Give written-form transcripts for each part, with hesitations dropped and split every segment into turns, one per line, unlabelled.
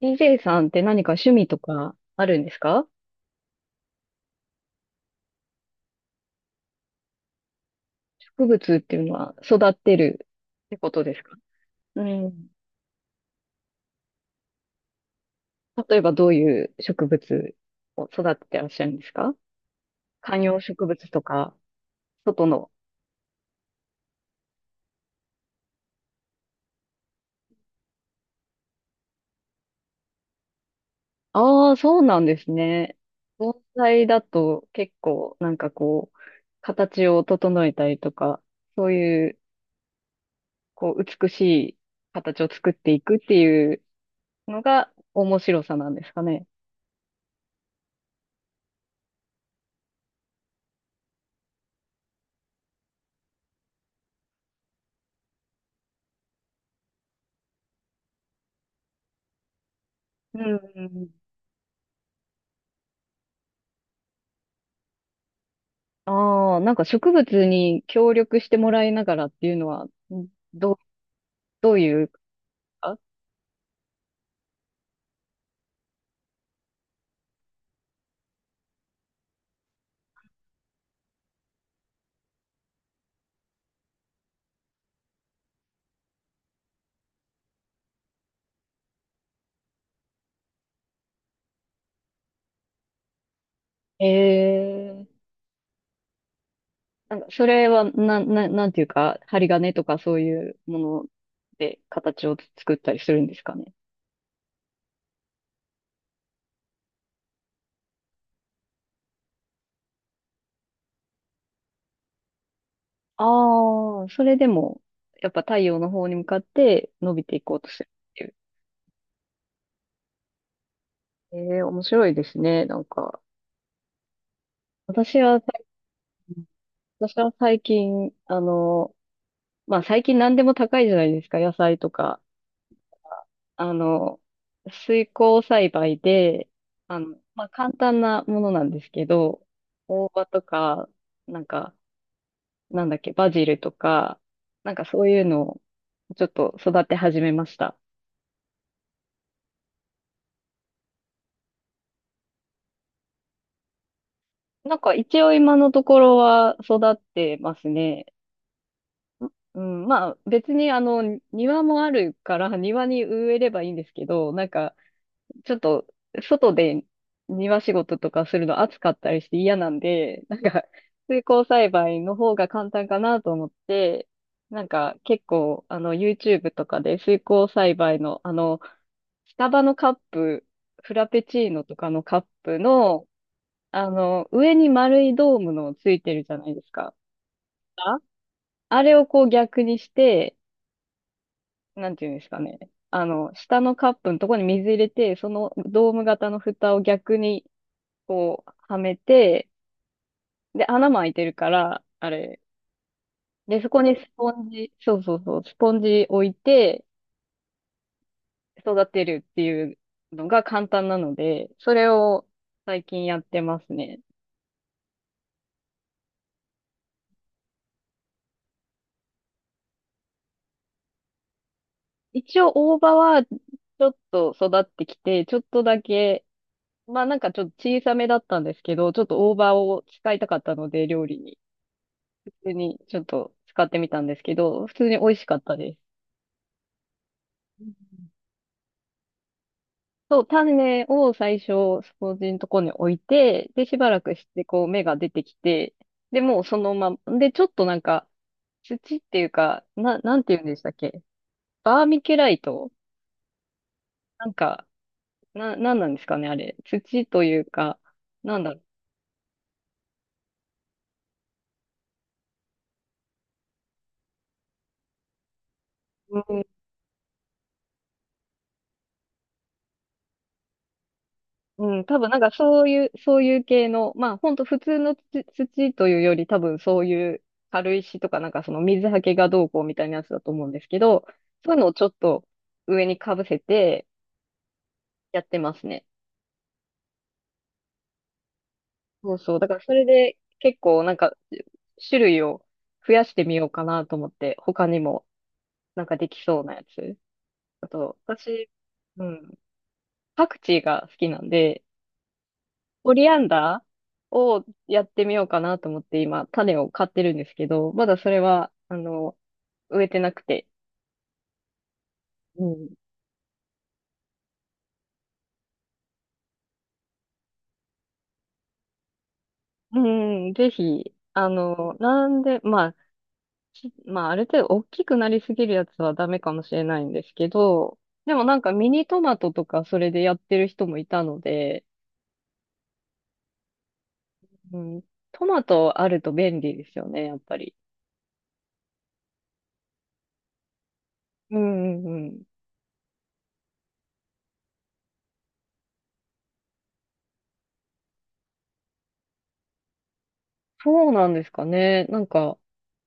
DJ さんって何か趣味とかあるんですか？植物っていうのは育ってるってことですか？うん。例えばどういう植物を育ててらっしゃるんですか？観葉植物とか、外の。ああ、そうなんですね。盆栽だと結構なんかこう、形を整えたりとか、そういう、こう、美しい形を作っていくっていうのが面白さなんですかね。うん。ああ、なんか植物に協力してもらいながらっていうのは、んど、どういうか、ええ、なんかそれは、なんていうか、針金とかそういうもので形を作ったりするんですかね。ああ、それでも、やっぱ太陽の方に向かって伸びていこうとするっていう。ええ、面白いですね、なんか。私は最近、私は最近、まあ最近何でも高いじゃないですか、野菜とか。あの、水耕栽培で、まあ、簡単なものなんですけど、大葉とか、なんか、なんだっけ、バジルとか、なんかそういうのをちょっと育て始めました。なんか一応今のところは育ってますね。うん、まあ別に庭もあるから庭に植えればいいんですけど、なんかちょっと、外で庭仕事とかするの暑かったりして嫌なんで、なんか、水耕栽培の方が簡単かなと思って、なんか、結構、YouTube とかで水耕栽培の、スタバのカップ、フラペチーノとかのカップの、上に丸いドームのついてるじゃないですか。あ、あれをこう逆にして、なんていうんですかね。あの、下のカップのところに水入れて、そのドーム型の蓋を逆にこう、はめて、で、穴も開いてるから、あれ。で、そこにスポンジ、そうそうそう、スポンジ置いて育てるっていうのが簡単なので、それを最近やってますね。一応大葉はちょっと育ってきて、ちょっとだけ、まあなんかちょっと小さめだったんですけど、ちょっと大葉を使いたかったので、料理に。普通にちょっと使ってみたんですけど、普通に美味しかったです。うん、そう、種を最初、掃除のとこに置いて、で、しばらくして、こう、芽が出てきて、で、もうそのまま、で、ちょっとなんか、土っていうか、な、なんて言うんでしたっけ？バーミキュライト。なんか、な、なんなんですかね、あれ。土というか、なんだろう。うん、うん、多分なんかそういう、そういう系の、まあ、ほんと普通の土、土というより、多分そういう軽石とか、なんかその水はけがどうこうみたいなやつだと思うんですけど、そういうのをちょっと、上にかぶせて、やってますね。そうそう。だからそれで結構なんか種類を増やしてみようかなと思って、他にもなんかできそうなやつ。あと、私、うん、パクチーが好きなんで、オリアンダーをやってみようかなと思って今、種を買ってるんですけど、まだそれは、あの、植えてなくて。うん。うん、ぜひ、あの、なんで、まあ、き、まあ、ある程度大きくなりすぎるやつはダメかもしれないんですけど、でもなんかミニトマトとかそれでやってる人もいたので、うん、トマトあると便利ですよね、やっぱり。うんうんうん。そうなんですかね。なんか、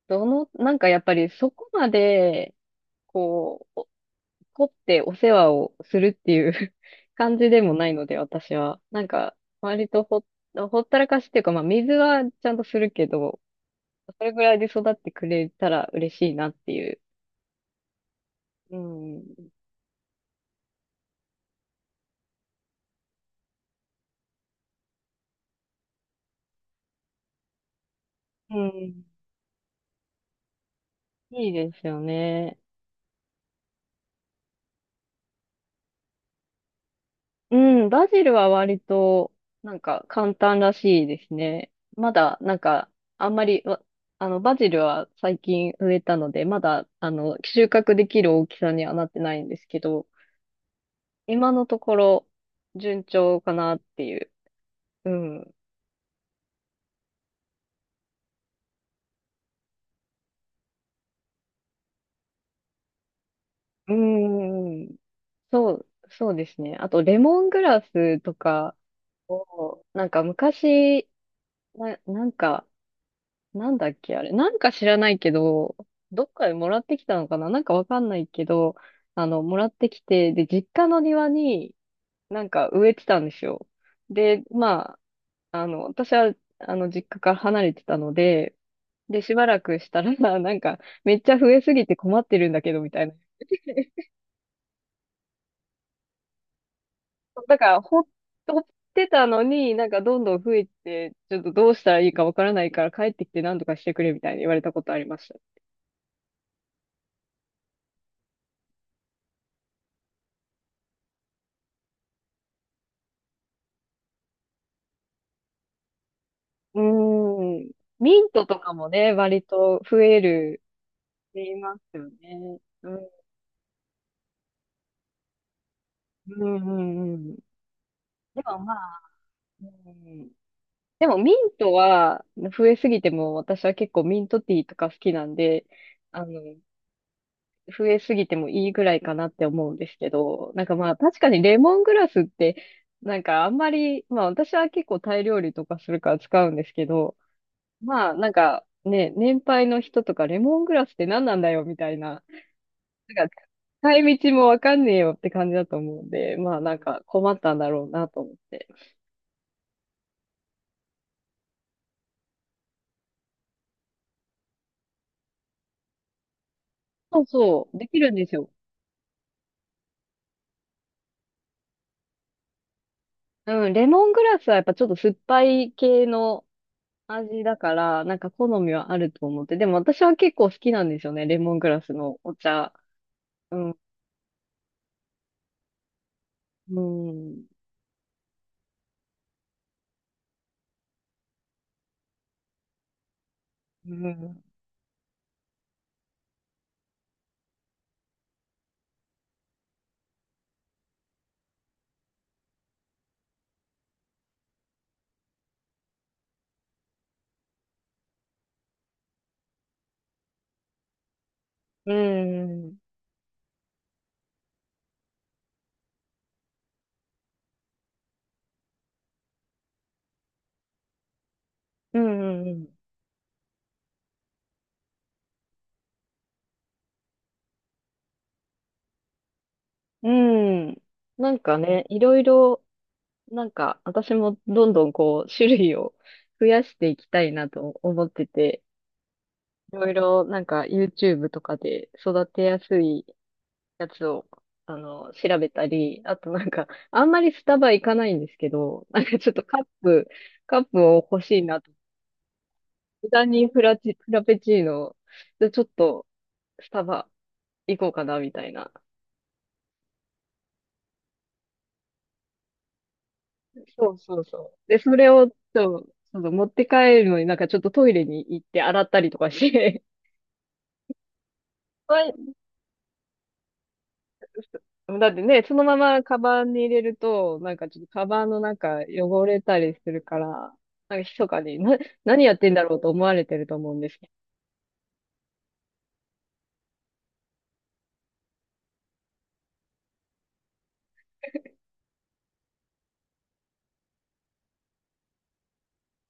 どの、なんかやっぱりそこまで、こう、お、凝ってお世話をするっていう 感じでもないので、私は。なんか、割とほ、ほったらかしっていうか、まあ水はちゃんとするけど、それぐらいで育ってくれたら嬉しいなっていう。うん。うん。いいですよね。うん、バジルは割と、なんか簡単らしいですね。まだ、なんか、あんまり、わ、あの、バジルは最近植えたので、まだ、あの、収穫できる大きさにはなってないんですけど、今のところ、順調かなっていう。うん。うーん。そう、そうですね。あと、レモングラスとかを、なんか昔、な、なんか、なんだっけ、あれ。なんか知らないけど、どっかでもらってきたのかな、なんかわかんないけど、あの、もらってきて、で、実家の庭になんか植えてたんですよ。で、まあ、あの、私は、あの、実家から離れてたので、で、しばらくしたら、なんか、めっちゃ増えすぎて困ってるんだけど、みたいな。だから、ほ、ほってたのに、なんかどんどん増えて、ちょっとどうしたらいいかわからないから帰ってきて何とかしてくれ、みたいに言われたことありました。うーん。ミントとかもね、割と増えるって言いますよね。うん、うん、うんうん。でもまあ、うん、でもミントは増えすぎても、私は結構ミントティーとか好きなんで、あの、増えすぎてもいいぐらいかなって思うんですけど、なんかまあ確かにレモングラスって、なんかあんまり、まあ私は結構タイ料理とかするから使うんですけど、まあなんかね、年配の人とかレモングラスって何なんだよみたいな、なんか、使い道もわかんねえよって感じだと思うんで、まあなんか困ったんだろうなと思って。そうそう、できるんですよ。うん、レモングラスはやっぱちょっと酸っぱい系の味だから、なんか好みはあると思って。でも私は結構好きなんですよね、レモングラスのお茶。うん、うん、うん、うん、うん、うん。うん、なんかね、いろいろ、なんか私もどんどんこう、種類を増やしていきたいなと思ってて、いろいろなんか YouTube とかで育てやすいやつを、あの、調べたり、あとなんか、あんまりスタバ行かないんですけど、なんかちょっとカップ、カップを欲しいなと。無駄にフラチ、フラペチーノ、で、ちょっとスタバ行こうかな、みたいな。そうそうそう。で、それを、そう、そうそう持って帰るのになんかちょっとトイレに行って洗ったりとかして、毎、だってね、そのままカバンに入れると、なんかちょっとカバンの中汚れたりするから、なんか密かに、な、何やってんだろうと思われてると思うんです